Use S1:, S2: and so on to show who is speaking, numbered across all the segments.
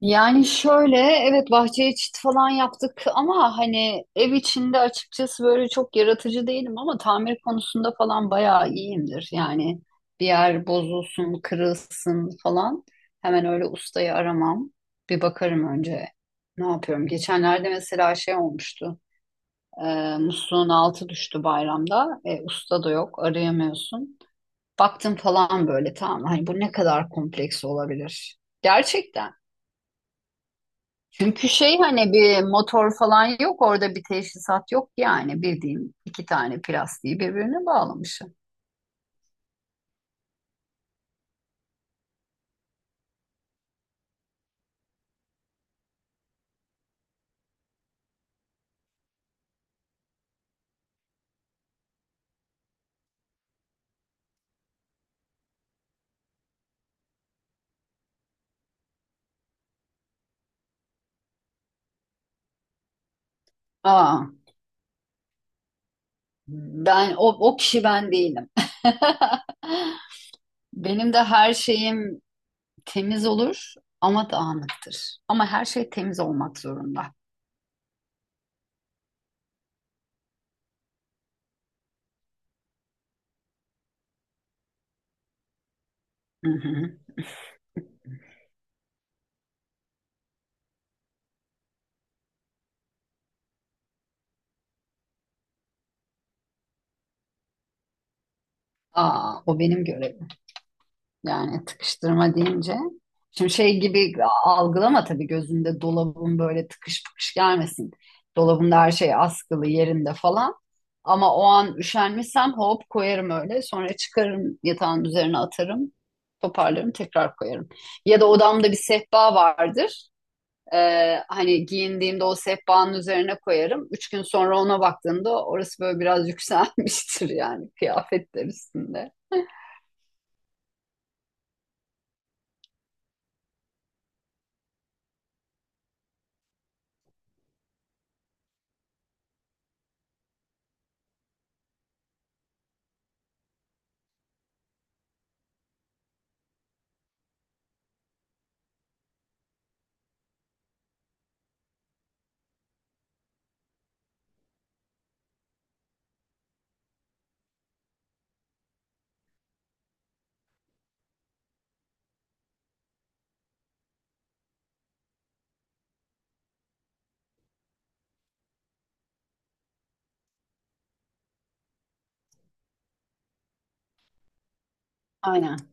S1: Yani şöyle, evet, bahçeye çit falan yaptık ama hani ev içinde açıkçası böyle çok yaratıcı değilim ama tamir konusunda falan bayağı iyiyimdir. Yani bir yer bozulsun, kırılsın falan hemen öyle ustayı aramam. Bir bakarım önce ne yapıyorum. Geçenlerde mesela şey olmuştu. Musluğun altı düştü bayramda. Usta da yok, arayamıyorsun. Baktım falan, böyle tamam, hani bu ne kadar kompleks olabilir. Gerçekten. Çünkü şey, hani bir motor falan yok orada, bir teşhisat yok, yani bildiğin iki tane plastiği birbirine bağlamışım. Aa, ben o kişi ben değilim. Benim de her şeyim temiz olur ama dağınıktır. Ama her şey temiz olmak zorunda. Hı hı. Aa, o benim görevim. Yani tıkıştırma deyince. Şimdi şey gibi algılama tabii, gözünde dolabın böyle tıkış tıkış gelmesin. Dolabımda her şey askılı, yerinde falan. Ama o an üşenmişsem hop koyarım öyle. Sonra çıkarım, yatağın üzerine atarım. Toparlarım, tekrar koyarım. Ya da odamda bir sehpa vardır. Hani giyindiğimde o sehpanın üzerine koyarım. Üç gün sonra ona baktığımda orası böyle biraz yükselmiştir, yani kıyafetler üstünde. Aynen.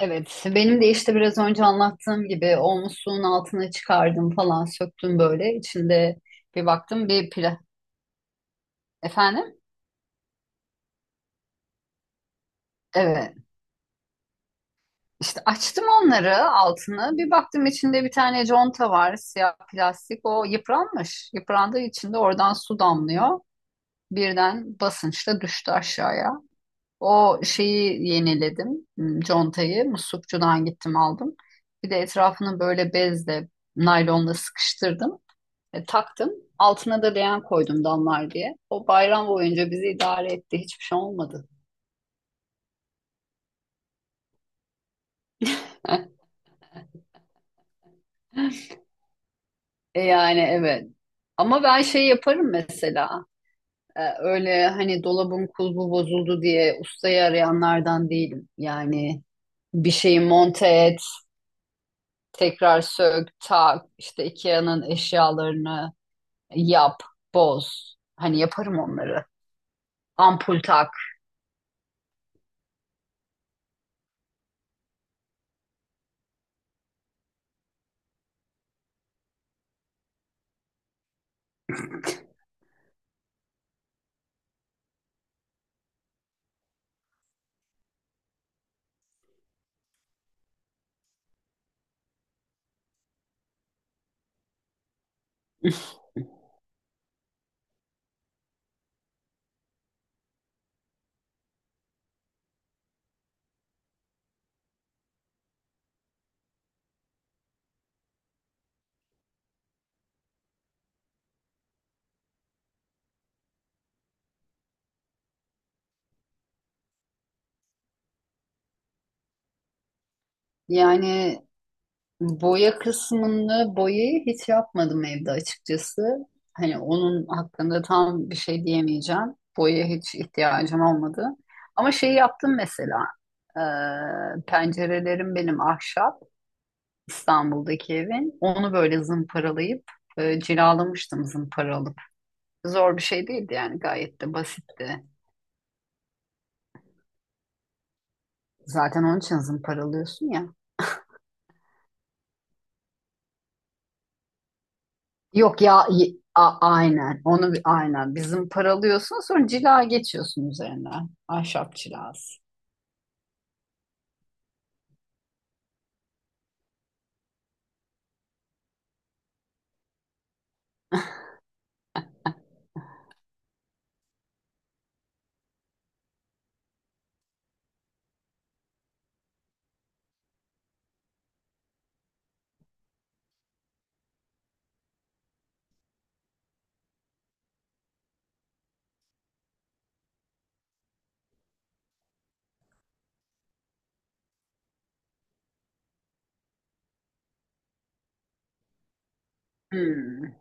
S1: Evet, benim de işte biraz önce anlattığım gibi o musluğun altına çıkardım falan, söktüm böyle. İçinde bir baktım, bir pla... Efendim? Evet. İşte açtım onları, altını. Bir baktım, içinde bir tane conta var, siyah plastik. O yıpranmış. Yıprandığı için de oradan su damlıyor. Birden basınçla düştü aşağıya. O şeyi yeniledim. Contayı muslukçudan gittim aldım. Bir de etrafını böyle bezle, naylonla sıkıştırdım. Taktım. Altına da leğen koydum damlar diye. O bayram boyunca bizi idare etti. Hiçbir şey olmadı. Yani evet. Ama ben şey yaparım mesela. Öyle hani dolabın kulbu bozuldu diye ustayı arayanlardan değilim. Yani bir şeyi monte et, tekrar sök, tak, işte IKEA'nın eşyalarını yap, boz. Hani yaparım onları. Ampul tak. Yani boya kısmını, boyayı hiç yapmadım evde açıkçası. Hani onun hakkında tam bir şey diyemeyeceğim. Boya hiç ihtiyacım olmadı. Ama şeyi yaptım mesela. Pencerelerim benim ahşap. İstanbul'daki evin. Onu böyle zımparalayıp cilalamıştım, zımparalıp. Zor bir şey değildi, yani gayet de basitti. Zaten onun için zımparalıyorsun ya. Yok ya, aynen onu, aynen bizim paralıyorsun, sonra cila geçiyorsun üzerine, ahşap cilası. Hmm.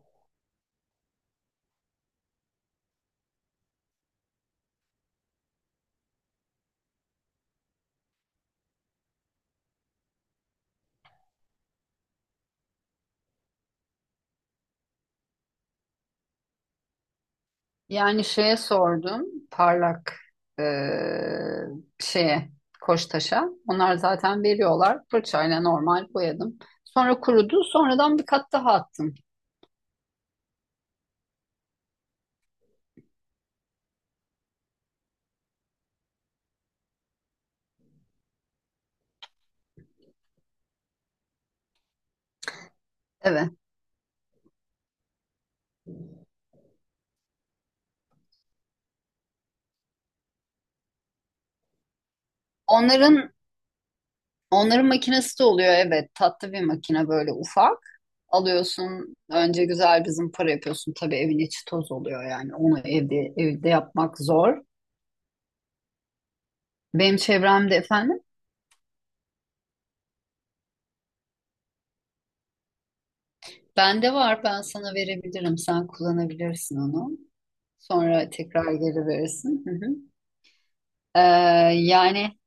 S1: Yani şeye sordum, parlak, eee, şeye, Koçtaş'a, onlar zaten veriyorlar, fırçayla normal boyadım. Sonra kurudu, sonradan bir kat daha attım. Evet, onların onların makinesi de oluyor, evet. Tatlı bir makine, böyle ufak. Alıyorsun, önce güzel bir zımpara yapıyorsun. Tabii evin içi toz oluyor yani. Onu evde yapmak zor. Benim çevremde efendim. Bende var, ben sana verebilirim. Sen kullanabilirsin onu. Sonra tekrar geri verirsin. Hı hı. Ee, yani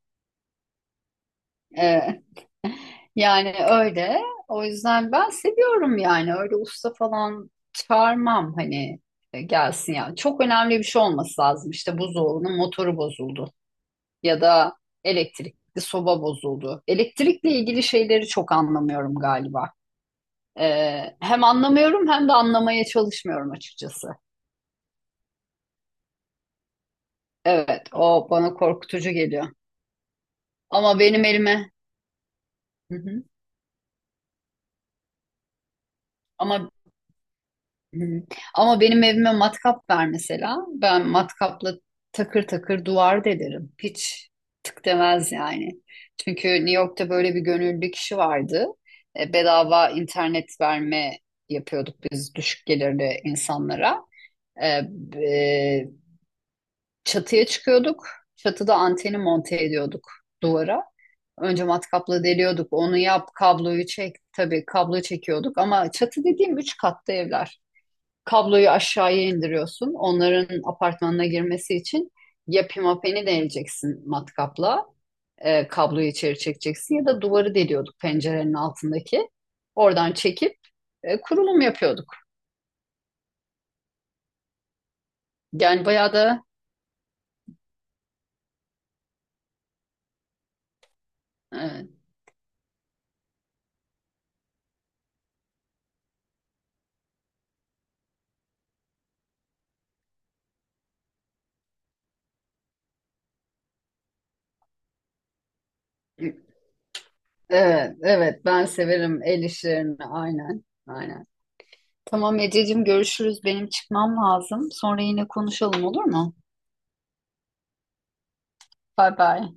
S1: e, Yani öyle. O yüzden ben seviyorum yani. Öyle usta falan çağırmam, hani gelsin ya. Çok önemli bir şey olması lazım. İşte buzdolabının motoru bozuldu ya da elektrikli soba bozuldu. Elektrikle ilgili şeyleri çok anlamıyorum galiba. Hem anlamıyorum hem de anlamaya çalışmıyorum açıkçası. Evet, o bana korkutucu geliyor. Ama benim elime, hı hı. Ama hı hı. Ama benim evime matkap ver mesela. Ben matkapla takır takır duvar delerim. Hiç tık demez yani. Çünkü New York'ta böyle bir gönüllü kişi vardı. Bedava internet verme yapıyorduk biz, düşük gelirli insanlara. E, e, Çatıya çıkıyorduk. Çatıda anteni monte ediyorduk duvara. Önce matkapla deliyorduk. Onu yap, kabloyu çek. Tabii kablo çekiyorduk ama çatı dediğim üç katlı evler, kabloyu aşağıya indiriyorsun. Onların apartmanına girmesi için ya pimapeni deleceksin matkapla, kabloyu içeri çekeceksin, ya da duvarı deliyorduk pencerenin altındaki. Oradan çekip kurulum yapıyorduk. Yani bayağı da e, evet, evet, ben severim el işlerini, aynen aynen. Tamam Ececiğim, görüşürüz. Benim çıkmam lazım. Sonra yine konuşalım, olur mu? Bay bay.